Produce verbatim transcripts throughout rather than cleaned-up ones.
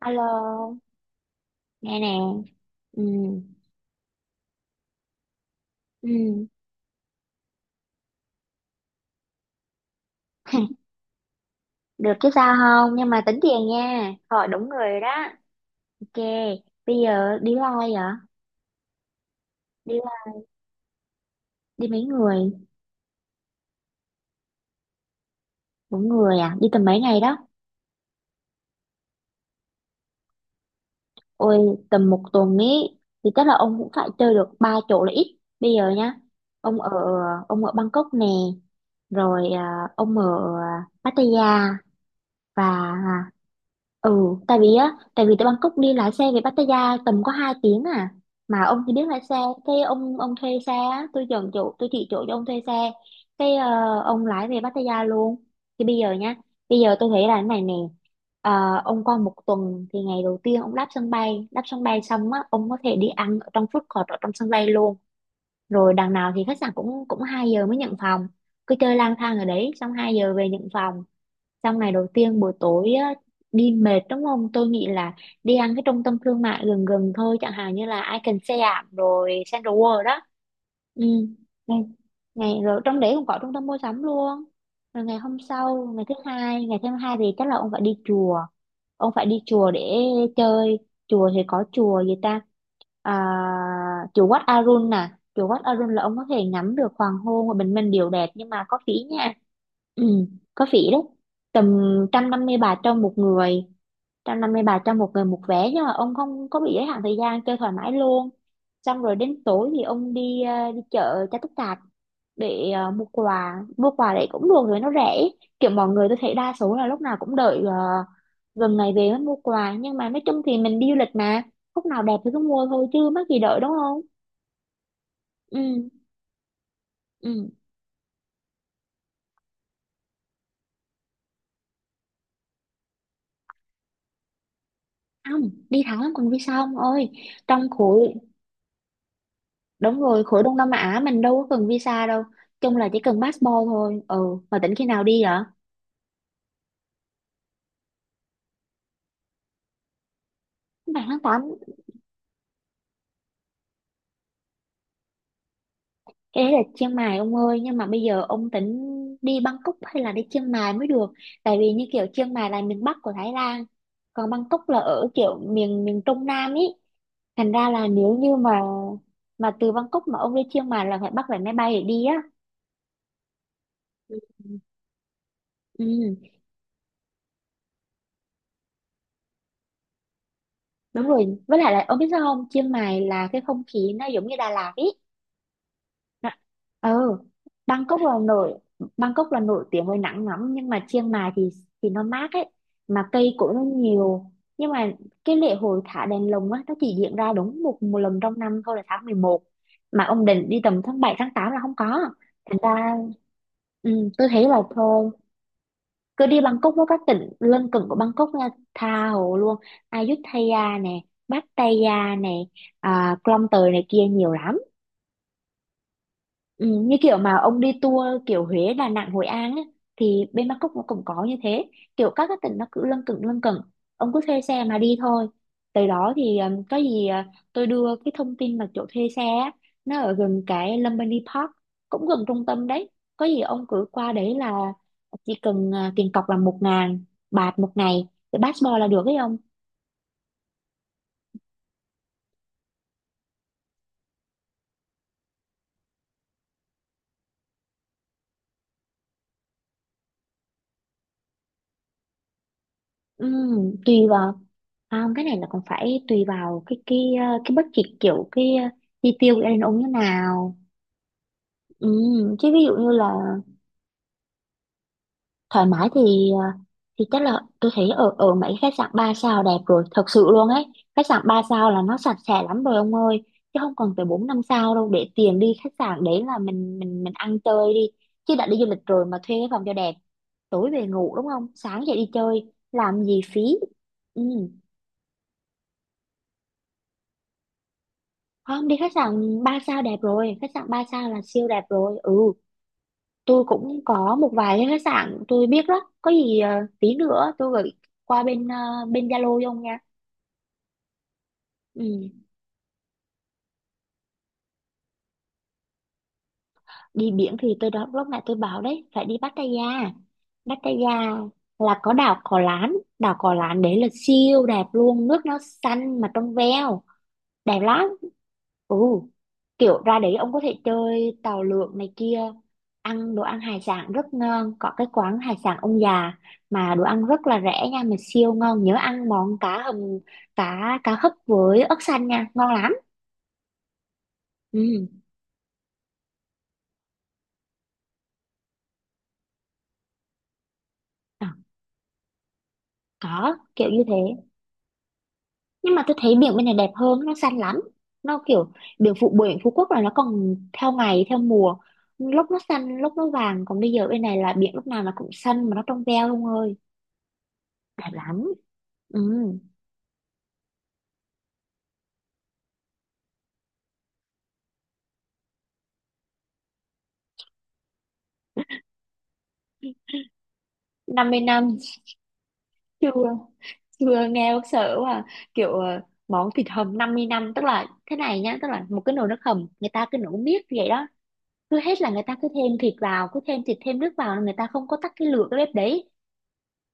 Alo, nghe nè. Ừ, ừ. Được chứ sao không? Nhưng mà tính tiền nha. Hỏi đúng người rồi đó. Ok, bây giờ đi với ai vậy? Đi đi mấy người? Bốn người à? Đi tầm mấy ngày đó? Ôi, tầm một tuần ý. Thì chắc là ông cũng phải chơi được ba chỗ là ít. Bây giờ nhá, ông ở ông ở Bangkok nè, rồi à, ông ở Pattaya và Ừ, tại vì á, tại vì từ Bangkok đi lái xe về Pattaya tầm có hai tiếng à. Mà ông thì biết lái xe, cái ông ông thuê xe á, tôi chọn chỗ, tôi chỉ chỗ cho ông thuê xe. Cái ờ, ông lái về Pattaya luôn. Thì bây giờ nhá, bây giờ tôi thấy là thế này nè. Ờ, ông qua một tuần thì ngày đầu tiên ông đáp sân bay, đáp sân bay xong á, ông có thể đi ăn ở trong food court ở trong sân bay luôn. Rồi đằng nào thì khách sạn cũng cũng hai giờ mới nhận phòng. Cứ chơi lang thang ở đấy xong hai giờ về nhận phòng. Xong ngày đầu tiên buổi tối á, đi mệt đúng không? Tôi nghĩ là đi ăn cái trung tâm thương mại gần gần thôi, chẳng hạn như là Icon Siam rồi Central World đó, ừ, ngày ngày rồi trong đấy cũng có trung tâm mua sắm luôn. Rồi ngày hôm sau ngày thứ hai, ngày thứ hai thì chắc là ông phải đi chùa, ông phải đi chùa để chơi. Chùa thì có chùa gì ta? À, chùa Wat Arun nè, chùa Wat Arun là ông có thể ngắm được hoàng hôn và bình minh đều đẹp nhưng mà có phí nha. Ừ, có phí đấy. Tầm trăm năm mươi baht cho một người, trăm năm mươi bài cho một người một vé, nhưng mà ông không có bị giới hạn thời gian, chơi thoải mái luôn. Xong rồi đến tối thì ông đi ờ, đi chợ cho tất cả, để ờ, mua quà. Mua quà đấy cũng được, rồi nó rẻ. Kiểu mọi người tôi thấy đa số là lúc nào cũng đợi ờ, gần ngày về mới mua quà, nhưng mà nói chung thì mình đi du lịch mà, lúc nào đẹp thì cứ mua thôi chứ mắc gì đợi, đúng không? Ừ, ừ, không đi thẳng lắm cần visa ông ơi, trong khối. Đúng rồi, khối Đông Nam Á mình đâu có cần visa đâu, chung là chỉ cần passport thôi. Ừ, mà tỉnh khi nào đi vậy? Bạn tháng tám. Cái đấy là Chiang Mai ông ơi, nhưng mà bây giờ ông tính đi Bangkok hay là đi Chiang Mai mới được. Tại vì như kiểu Chiang Mai là miền Bắc của Thái Lan, còn Bangkok là ở kiểu miền miền Trung Nam ý. Thành ra là nếu như mà mà từ Bangkok mà ông đi Chiang Mai là phải bắt vé máy bay để đi á. Ừ. Ừ, đúng rồi, với lại là ông biết sao không, Chiang Mai là cái không khí nó giống như Đà Lạt ý. Đã- Ừ, Bangkok là nổi Bangkok là nổi tiếng với nắng nóng, nhưng mà Chiang Mai thì thì nó mát ấy, mà cây cũng nó nhiều. Nhưng mà cái lễ hội thả đèn lồng á, nó chỉ diễn ra đúng một một lần trong năm thôi, là tháng mười một, mà ông định đi tầm tháng bảy tháng tám là không có. Thành ra ừ, tôi thấy là thôi cứ đi Bangkok với các tỉnh lân cận của Bangkok nha, tha hồ luôn. Ayutthaya nè, Pattaya nè, à, Klong Toei này kia, nhiều lắm. Ừ, như kiểu mà ông đi tour kiểu Huế, Đà Nẵng, Hội An ấy, thì bên Bangkok nó cũng có như thế. Kiểu các cái tỉnh nó cứ lân cận lân cận, ông cứ thuê xe mà đi thôi. Tới đó thì um, có gì à, tôi đưa cái thông tin là chỗ thuê xe á, nó ở gần cái Lumbini Park, cũng gần trung tâm đấy. Có gì ông cứ qua đấy là chỉ cần à, tiền cọc là một ngàn bạt một ngày cái passport là được ấy ông. Ừm, tùy vào à, cái này là còn phải tùy vào cái cái ờ, cái budget kiểu cái ờ, chi tiêu của gia đình ông như nào. Ừm, chứ ví dụ như là thoải mái thì ờ, thì chắc là tôi thấy ở ở mấy khách sạn ba sao đẹp rồi, thật sự luôn ấy. Khách sạn ba sao là nó sạch sẽ lắm rồi ông ơi, chứ không cần phải bốn năm sao đâu. Để tiền đi khách sạn đấy là mình mình mình ăn chơi đi, chứ đã đi du lịch rồi mà thuê cái phòng cho đẹp, tối về ngủ đúng không, sáng dậy đi chơi làm gì phí. Ừ. Không, đi khách sạn ba sao đẹp rồi, khách sạn ba sao là siêu đẹp rồi. Ừ, tôi cũng có một vài cái khách sạn tôi biết đó. Có gì ờ, tí nữa tôi gửi qua bên ờ, bên Zalo cho ông nha. Ừ. Đi biển thì tôi đó, lúc nãy tôi bảo đấy, phải đi Pattaya. Pattaya là có đảo Cò Lán, đảo Cò Lán đấy là siêu đẹp luôn, nước nó xanh mà trong veo. Đẹp lắm. Ừ, kiểu ra đấy ông có thể chơi tàu lượn này kia, ăn đồ ăn hải sản rất ngon, có cái quán hải sản ông già mà đồ ăn rất là rẻ nha, mà siêu ngon. Nhớ ăn món cá hầm, cá cá hấp với ớt xanh nha, ngon lắm. Ừ. Ờ, có kiểu như thế, nhưng mà tôi thấy biển bên này đẹp hơn, nó xanh lắm. Nó kiểu biển phụ biển Phú Quốc là nó còn theo ngày theo mùa, lúc nó xanh lúc nó vàng, còn bây giờ bên này là biển lúc nào nó cũng xanh mà nó trong veo luôn ơi. Đẹp lắm. Ừ. Năm mươi năm. Chưa, chưa, nghe bác sợ quá à. Kiểu ờ, món thịt hầm năm mươi năm tức là thế này nhá, tức là một cái nồi nước hầm người ta cứ nấu miết vậy đó, cứ hết là người ta cứ thêm thịt vào, cứ thêm thịt thêm nước vào, người ta không có tắt cái lửa cái bếp đấy.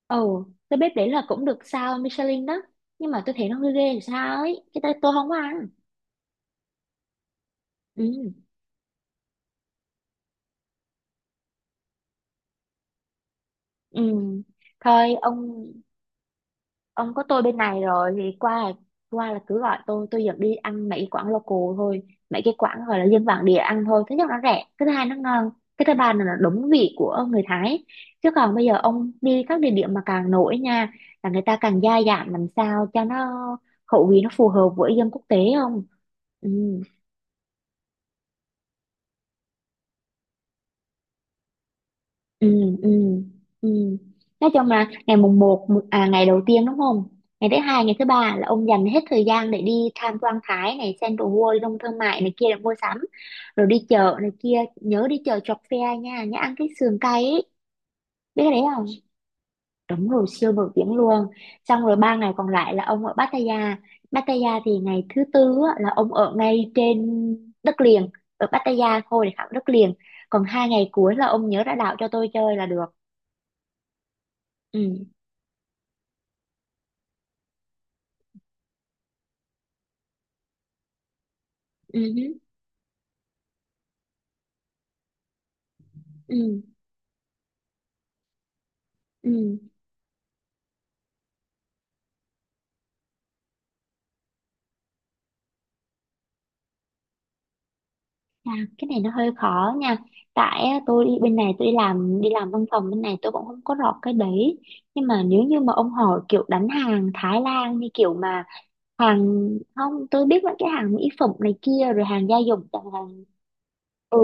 Ồ, cái bếp đấy là cũng được sao Michelin đó, nhưng mà tôi thấy nó hơi ghê làm sao ấy, cái tay tôi không có ăn. Ừ. Ừ, thôi ông ông có tôi bên này rồi thì qua là qua là cứ gọi tôi tôi dẫn đi ăn mấy quán local thôi. Mấy cái quán gọi là dân bản địa ăn thôi, thứ nhất nó rẻ, cái thứ hai nó ngon, cái thứ ba là nó đúng vị của người Thái. Chứ còn bây giờ ông đi các địa điểm mà càng nổi nha, là người ta càng gia giảm làm sao cho nó khẩu vị nó phù hợp với dân quốc tế, không. Ừ. Ừ, ừ, ừ, nói chung là ngày mùng một à, ngày đầu tiên đúng không, ngày thứ hai ngày thứ ba là ông dành hết thời gian để đi tham quan Thái này, Central World, Đông Thương mại này kia để mua sắm. Rồi đi chợ này kia, nhớ đi chợ chọc phe nha, nhớ ăn cái sườn cay ấy, biết cái đấy không? Đúng rồi, siêu nổi tiếng luôn. Xong rồi ba ngày còn lại là ông ở Pattaya. Pattaya thì ngày thứ tư á, là ông ở ngay trên đất liền, ở Pattaya thôi để khảo đất liền. Còn hai ngày cuối là ông nhớ ra đảo cho tôi chơi là được. Ừ. Ừ, ừ, ừ. À, cái này nó hơi khó nha. Tại á, tôi đi bên này tôi đi làm, đi làm văn phòng bên này tôi cũng không có rõ cái đấy. Nhưng mà nếu như mà ông hỏi kiểu đánh hàng Thái Lan như kiểu mà hàng, không, tôi biết là cái hàng mỹ phẩm này kia rồi hàng gia dụng chẳng hạn. ừ,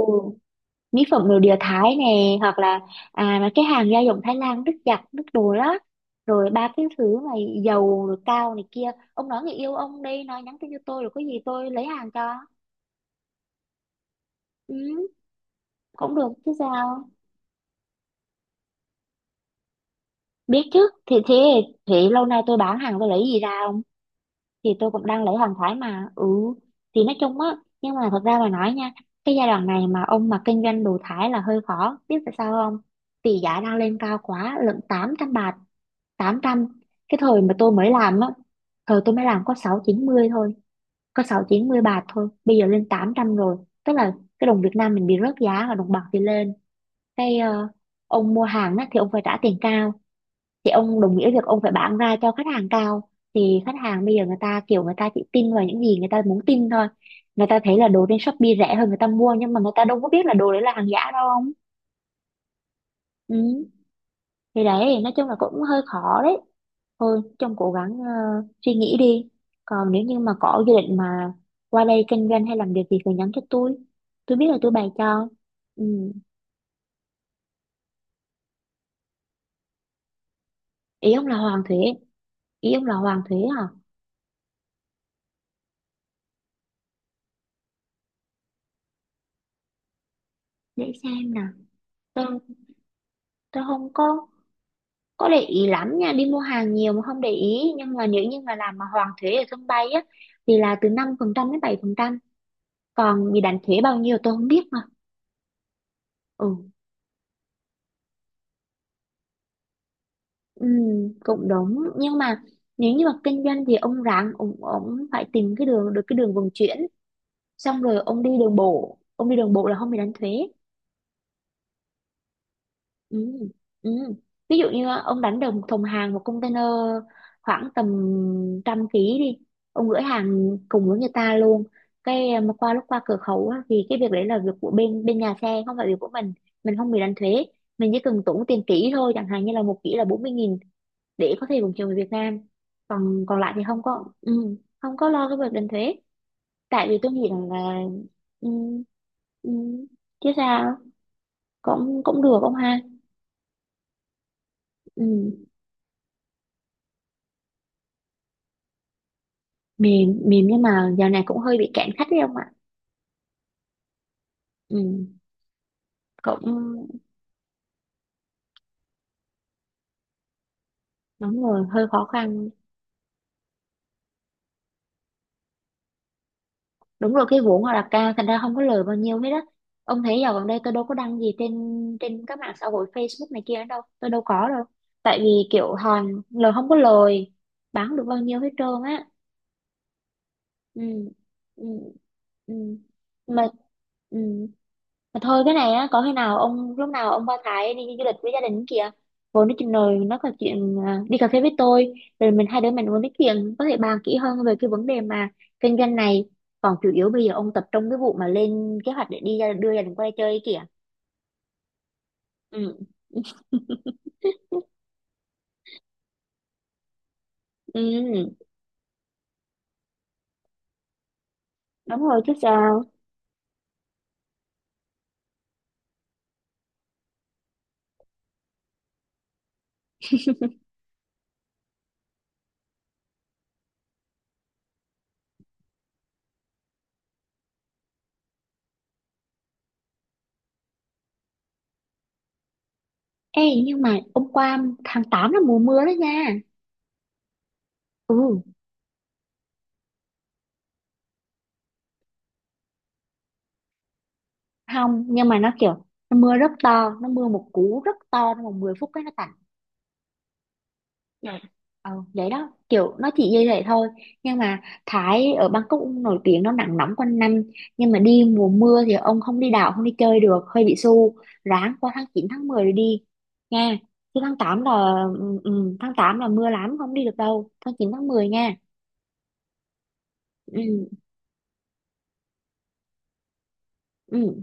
Mỹ phẩm nội địa Thái nè, hoặc là à mà cái hàng gia dụng Thái Lan, nước giặt nước đồ đó, rồi ba cái thứ mà dầu rồi cao này kia. Ông nói người yêu ông đi, nói nhắn tin cho tôi rồi có gì tôi lấy hàng cho. Ừ, cũng được chứ sao. Biết chứ, thì thế, thì lâu nay tôi bán hàng tôi lấy gì ra không, thì tôi cũng đang lấy hàng Thái mà. Ừ, thì nói chung á, nhưng mà thật ra mà nói nha, cái giai đoạn này mà ông mà kinh doanh đồ Thái là hơi khó, biết tại sao không? Vì giá đang lên cao quá lận, tám trăm bạc, tám trăm. Cái thời mà tôi mới làm á, thời tôi mới làm có sáu chín mươi thôi, có sáu chín mươi bạc thôi, bây giờ lên tám trăm rồi. Tức là cái đồng Việt Nam mình bị rớt giá và đồng bạc thì lên. cái ờ, ông mua hàng á, thì ông phải trả tiền cao, thì ông đồng nghĩa việc ông phải bán ra cho khách hàng cao, thì khách hàng bây giờ người ta kiểu người ta chỉ tin vào những gì người ta muốn tin thôi. Người ta thấy là đồ trên Shopee rẻ hơn người ta mua, nhưng mà người ta đâu có biết là đồ đấy là hàng giả đâu ông. Ừ. Thì đấy, nói chung là cũng hơi khó đấy, thôi trông cố gắng ờ, suy nghĩ đi. Còn nếu như mà có dự định mà qua đây kinh doanh hay làm việc gì thì nhắn cho tôi tôi biết là tôi bày cho. Ừ. Ý ông là hoàng thuế? Ý ông là hoàng thuế hả? Để xem nào. Tôi tôi không có, có để ý lắm nha, đi mua hàng nhiều mà không để ý, nhưng mà nếu như mà làm mà hoàn thuế ở sân bay á, thì là từ năm phần trăm đến bảy phần trăm, còn bị đánh thuế bao nhiêu tôi không biết mà. Ừ, ừ, cũng đúng. Nhưng mà nếu như mà kinh doanh thì ông ráng ông, ông phải tìm cái đường, được cái đường vận chuyển, xong rồi ông đi đường bộ, ông đi đường bộ là không bị đánh thuế. Ừ, ừ. Ví dụ như ờ, ông đánh đồng thùng hàng một container, khoảng tầm trăm ký đi, ông gửi hàng cùng với người ta luôn. Cái ờ, mà qua lúc qua cửa khẩu á, thì cái việc đấy là việc của bên bên nhà xe, không phải việc của mình mình không bị đánh thuế. Mình chỉ cần tốn tiền kỹ thôi, chẳng hạn như là một kỹ là bốn mươi nghìn, để có thể vận chuyển về Việt Nam. Còn còn lại thì không có, ừ, không có lo cái việc đánh thuế. Tại vì tôi nghĩ rằng là ừ, ừ, chứ sao. Cũng cũng được ông ha. Ừ. Mềm, mềm, nhưng mà giờ này cũng hơi bị cạn khách đấy ông ạ. Ừ, cũng đúng rồi, hơi khó khăn. Đúng rồi, cái vốn họ đặt ra thành ra không có lời bao nhiêu hết á. Ông thấy giờ gần đây tôi đâu có đăng gì trên, trên các mạng xã hội Facebook này kia đâu, tôi đâu có đâu. Tại vì kiểu hàng lời không có lời, bán không được bao nhiêu hết trơn á. Ừ, ừ, ừ, mà ừ. Mà thôi, cái này á, có khi nào ông lúc nào ông qua Thái đi du lịch với gia đình kìa, vốn nói chuyện rồi nó có chuyện à, đi cà phê với tôi, rồi mình hai đứa mình muốn nói chuyện có thể bàn kỹ hơn về cái vấn đề mà kinh doanh này. Còn chủ yếu bây giờ ông tập trung cái vụ mà lên kế hoạch để đi ra, đưa gia đình qua đây chơi ấy kìa. Ừ. Ừ, đúng rồi chứ sao. Ê nhưng mà hôm qua, tháng tám là mùa mưa đó nha. Ừ, không, nhưng mà nó kiểu, nó mưa rất to, nó mưa một cú rất to trong vòng mười phút cái nó tạt. Dạ. Ờ, vậy đó, kiểu nó chỉ như vậy thôi, nhưng mà Thái ở Bangkok cũng nổi tiếng nó nắng nóng quanh năm, nhưng mà đi mùa mưa thì ông không đi đảo không đi chơi được, hơi bị xu, ráng qua tháng chín tháng mười rồi đi nha, chứ tháng tám là ừ, ừ, tháng tám là mưa lắm, không đi được đâu, tháng chín tháng mười nha. Ừ, ừ,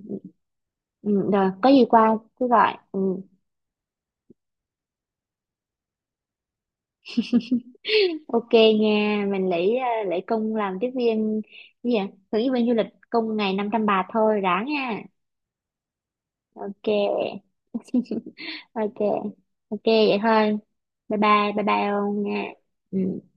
ừ, rồi có gì qua cứ gọi. Ừ. Ok nha, mình lấy ờ, lấy công làm tiếp viên gì, à, hướng dẫn viên du lịch công ngày năm trăm bạt thôi, ráng nha. Ok. Ok. Ok vậy thôi. Bye bye. Bye bye ông nha. Ừ.